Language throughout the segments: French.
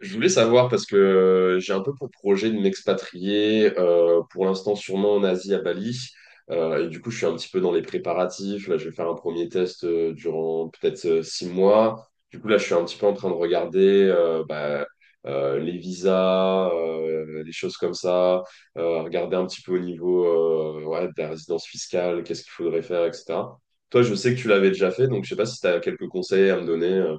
Je voulais savoir parce que j'ai un peu pour projet de m'expatrier, pour l'instant sûrement en Asie, à Bali. Et du coup, je suis un petit peu dans les préparatifs. Là, je vais faire un premier test, durant peut-être 6 mois. Du coup, là, je suis un petit peu en train de regarder, les visas, les choses comme ça, regarder un petit peu au niveau, ouais, de la résidence fiscale, qu'est-ce qu'il faudrait faire, etc. Toi, je sais que tu l'avais déjà fait, donc je sais pas si tu as quelques conseils à me donner.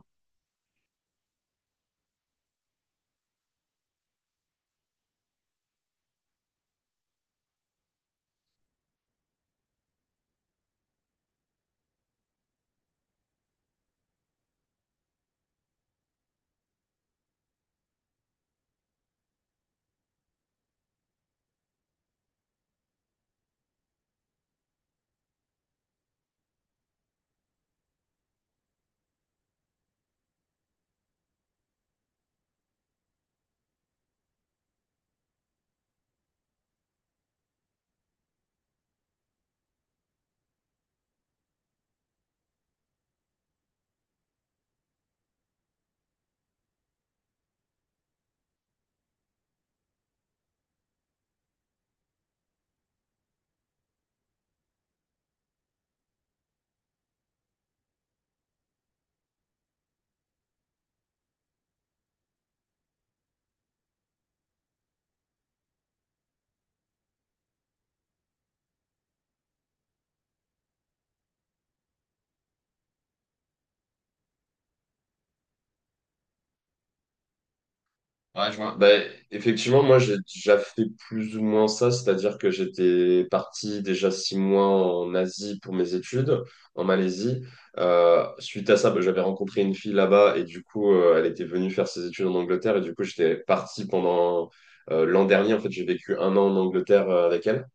Ouais, je vois. Ben, effectivement, moi, j'ai déjà fait plus ou moins ça, c'est-à-dire que j'étais parti déjà 6 mois en Asie pour mes études, en Malaisie. Suite à ça, ben, j'avais rencontré une fille là-bas et du coup, elle était venue faire ses études en Angleterre et du coup, j'étais parti pendant, l'an dernier. En fait, j'ai vécu un an en Angleterre, avec elle.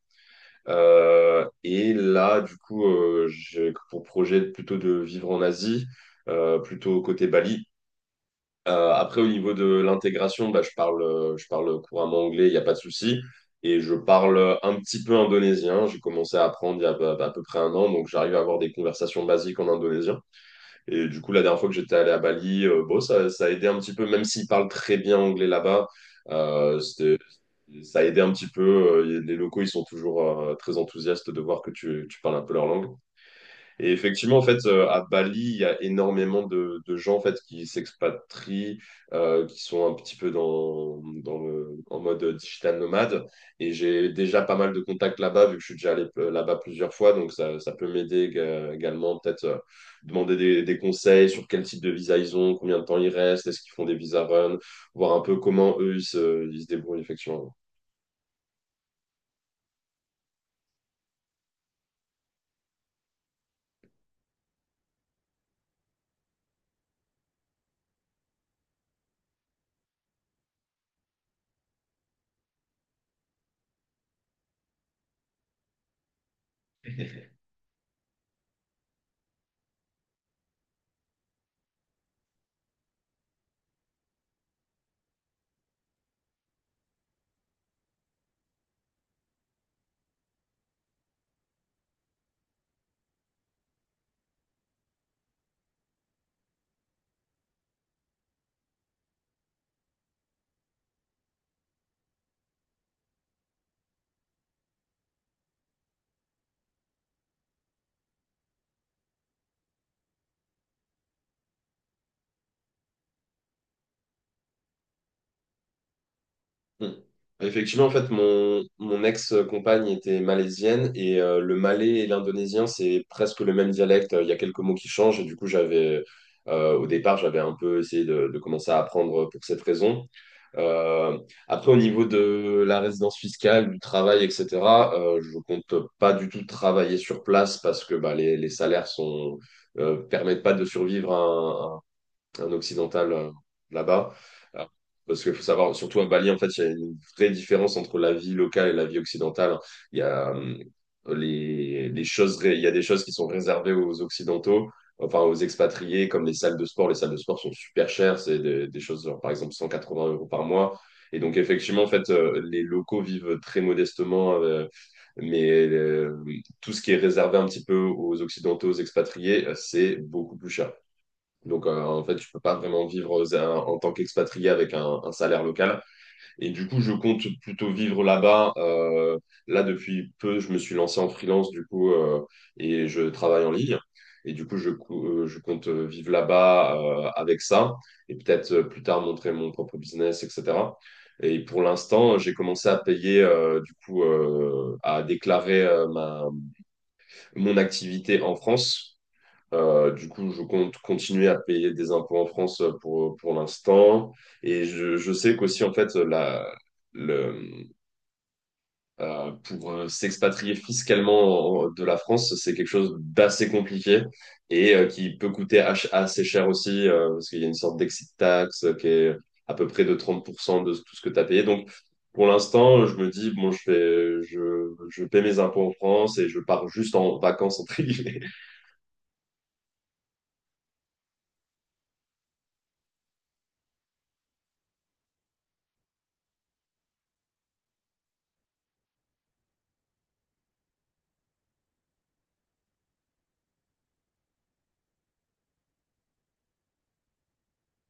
Et là, du coup, j'ai pour projet plutôt de vivre en Asie, plutôt côté Bali. Après, au niveau de l'intégration, bah, je parle couramment anglais, il n'y a pas de souci. Et je parle, un petit peu indonésien. J'ai commencé à apprendre il y a à peu près un an, donc j'arrive à avoir des conversations basiques en indonésien. Et du coup, la dernière fois que j'étais allé à Bali, bon, ça a aidé un petit peu, même s'ils parlent très bien anglais là-bas, euh, c'était- ça a aidé un petit peu. Les locaux, ils sont toujours, très enthousiastes de voir que tu parles un peu leur langue. Et effectivement, en fait, à Bali, il y a énormément de gens en fait, qui s'expatrient, qui sont un petit peu en mode digital nomade. Et j'ai déjà pas mal de contacts là-bas, vu que je suis déjà allé, là-bas plusieurs fois. Donc, ça peut m'aider également, peut-être, demander des conseils sur quel type de visa ils ont, combien de temps ils restent, est-ce qu'ils font des visa run, voir un peu comment eux, ils se débrouillent, effectivement. Mm. Effectivement, en fait, mon ex-compagne était malaisienne et, le malais et l'indonésien, c'est presque le même dialecte. Il y a quelques mots qui changent et du coup, au départ, j'avais un peu essayé de commencer à apprendre pour cette raison. Euh, après, au niveau de la résidence fiscale, du travail, etc., je compte pas du tout travailler sur place parce que bah, les salaires sont, permettent pas de survivre un occidental, là-bas. Euh, Parce qu'il faut savoir, surtout à Bali, en fait, il y a une vraie différence entre la vie locale et la vie occidentale. Il y a, euh, il y a des choses qui sont réservées aux Occidentaux, enfin aux expatriés, comme les salles de sport. Les salles de sport sont super chères, c'est des choses, genre, par exemple, 180 euros par mois. Et donc, effectivement, en fait, les locaux vivent très modestement, mais tout ce qui est réservé un petit peu aux Occidentaux, aux expatriés, c'est beaucoup plus cher. Donc, en fait, je peux pas vraiment vivre, en tant qu'expatrié avec un salaire local. Et du coup, je compte plutôt vivre là-bas. Là, depuis peu, je me suis lancé en freelance, du coup, et je travaille en ligne. Et du coup, je compte, vivre là-bas, avec ça. Et peut-être, plus tard montrer mon propre business, etc. Et pour l'instant, j'ai commencé à payer, à déclarer, mon activité en France, du coup, je compte continuer à payer des impôts en France, pour l'instant. Et je sais qu'aussi, en fait, le, pour, s'expatrier fiscalement de la France, c'est quelque chose d'assez compliqué et, qui peut coûter assez cher aussi, parce qu'il y a une sorte d'exit tax, qui est à peu près de 30% de tout ce que tu as payé. Donc, pour l'instant, je me dis, bon, je paie mes impôts en France et je pars juste en vacances, entre guillemets.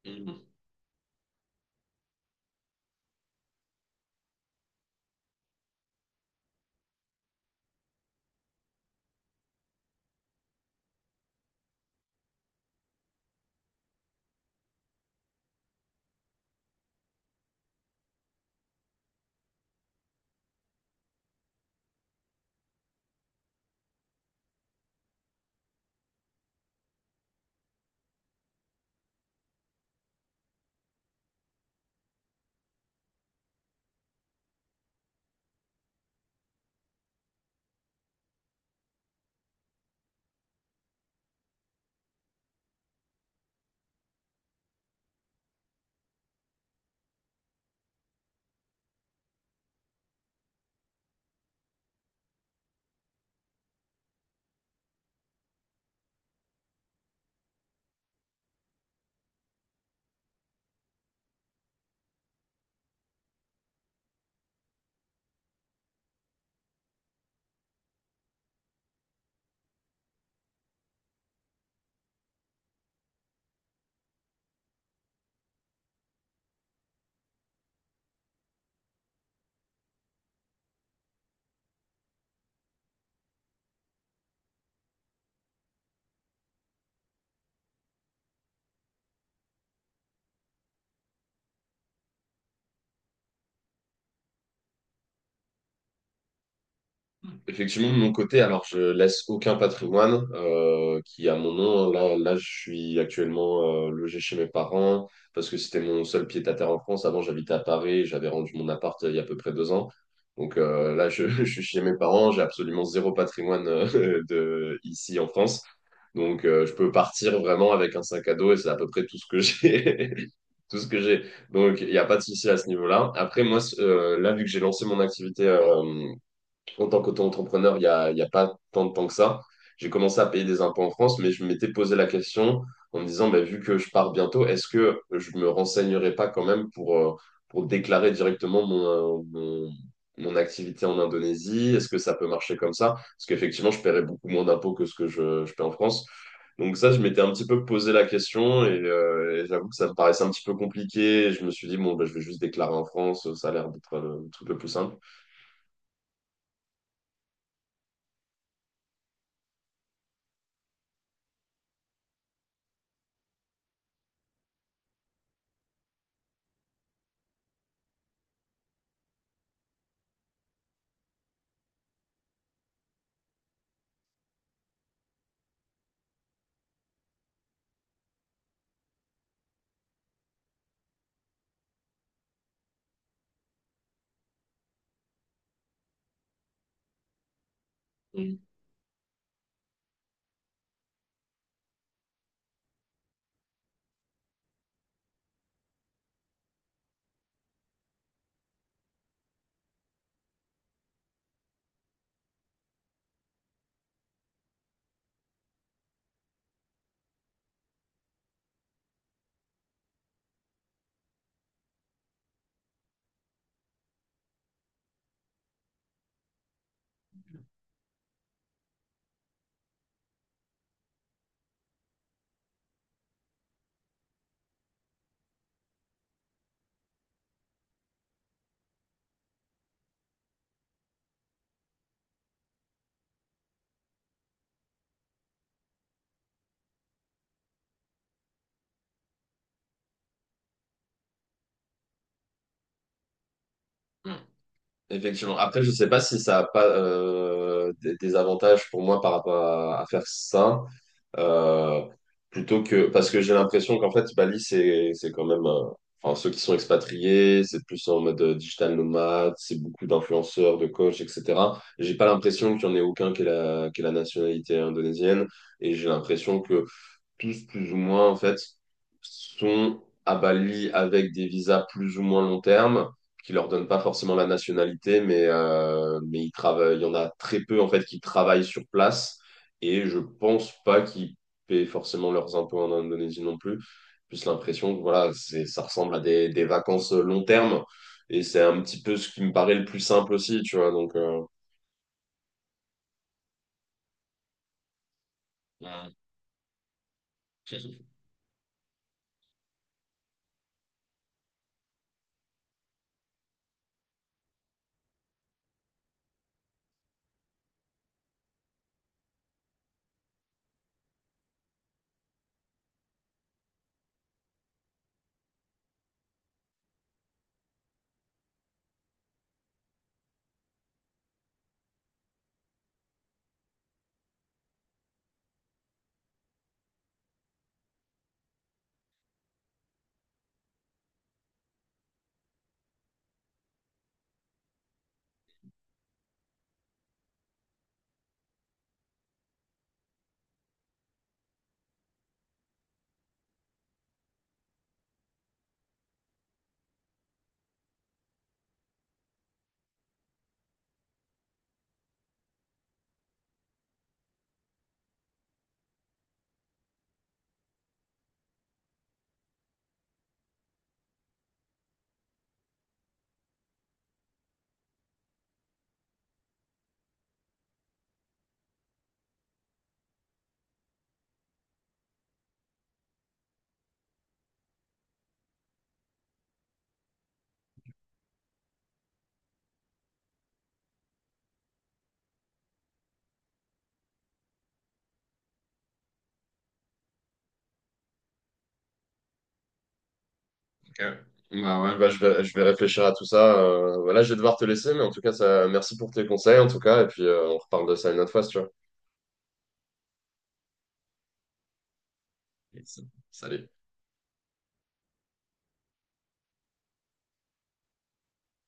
Effectivement, de mon côté, alors je laisse aucun patrimoine, qui est à mon nom. Là, je suis actuellement, logé chez mes parents parce que c'était mon seul pied-à-terre en France. Avant, j'habitais à Paris, j'avais rendu mon appart, il y a à peu près 2 ans. Donc là, je suis chez mes parents, j'ai absolument zéro patrimoine, ici en France. Donc je peux partir vraiment avec un sac à dos et c'est à peu près tout ce que j'ai. Tout ce que j'ai. Donc, il n'y a pas de souci à ce niveau-là. Après, moi, là, vu que j'ai lancé mon activité, en tant qu'auto-entrepreneur, il y a pas tant de temps que ça. J'ai commencé à payer des impôts en France, mais je m'étais posé la question en me disant, bah, vu que je pars bientôt, est-ce que je me renseignerai pas quand même pour déclarer directement mon activité en Indonésie? Est-ce que ça peut marcher comme ça? Parce qu'effectivement, je paierais beaucoup moins d'impôts que ce que je paie en France. Donc ça, je m'étais un petit peu posé la question et j'avoue que ça me paraissait un petit peu compliqué. Je me suis dit, bon, bah, je vais juste déclarer en France, ça a l'air d'être, le truc le plus simple. Effectivement. Après, je sais pas si ça a pas, des avantages pour moi par rapport à faire ça, euh, plutôt que parce que j'ai l'impression qu'en fait Bali c'est quand même, enfin ceux qui sont expatriés, c'est plus en mode, digital nomade, c'est beaucoup d'influenceurs, de coachs, etc. J'ai pas l'impression qu'il y en ait aucun qui ait la nationalité indonésienne et j'ai l'impression que tous plus ou moins en fait sont à Bali avec des visas plus ou moins long terme qui leur donnent pas forcément la nationalité, mais ils travaillent. Il y en a très peu en fait qui travaillent sur place et je pense pas qu'ils paient forcément leurs impôts en Indonésie non plus. Plus l'impression que voilà, c'est ça ressemble à des vacances long terme et c'est un petit peu ce qui me paraît le plus simple aussi, tu vois. Ouais. Ok. Bah ouais, bah je vais réfléchir à tout ça. Voilà, je vais devoir te laisser, mais en tout cas, ça, merci pour tes conseils, en tout cas, et puis, on reparle de ça une autre fois, si tu vois. Yes. Salut.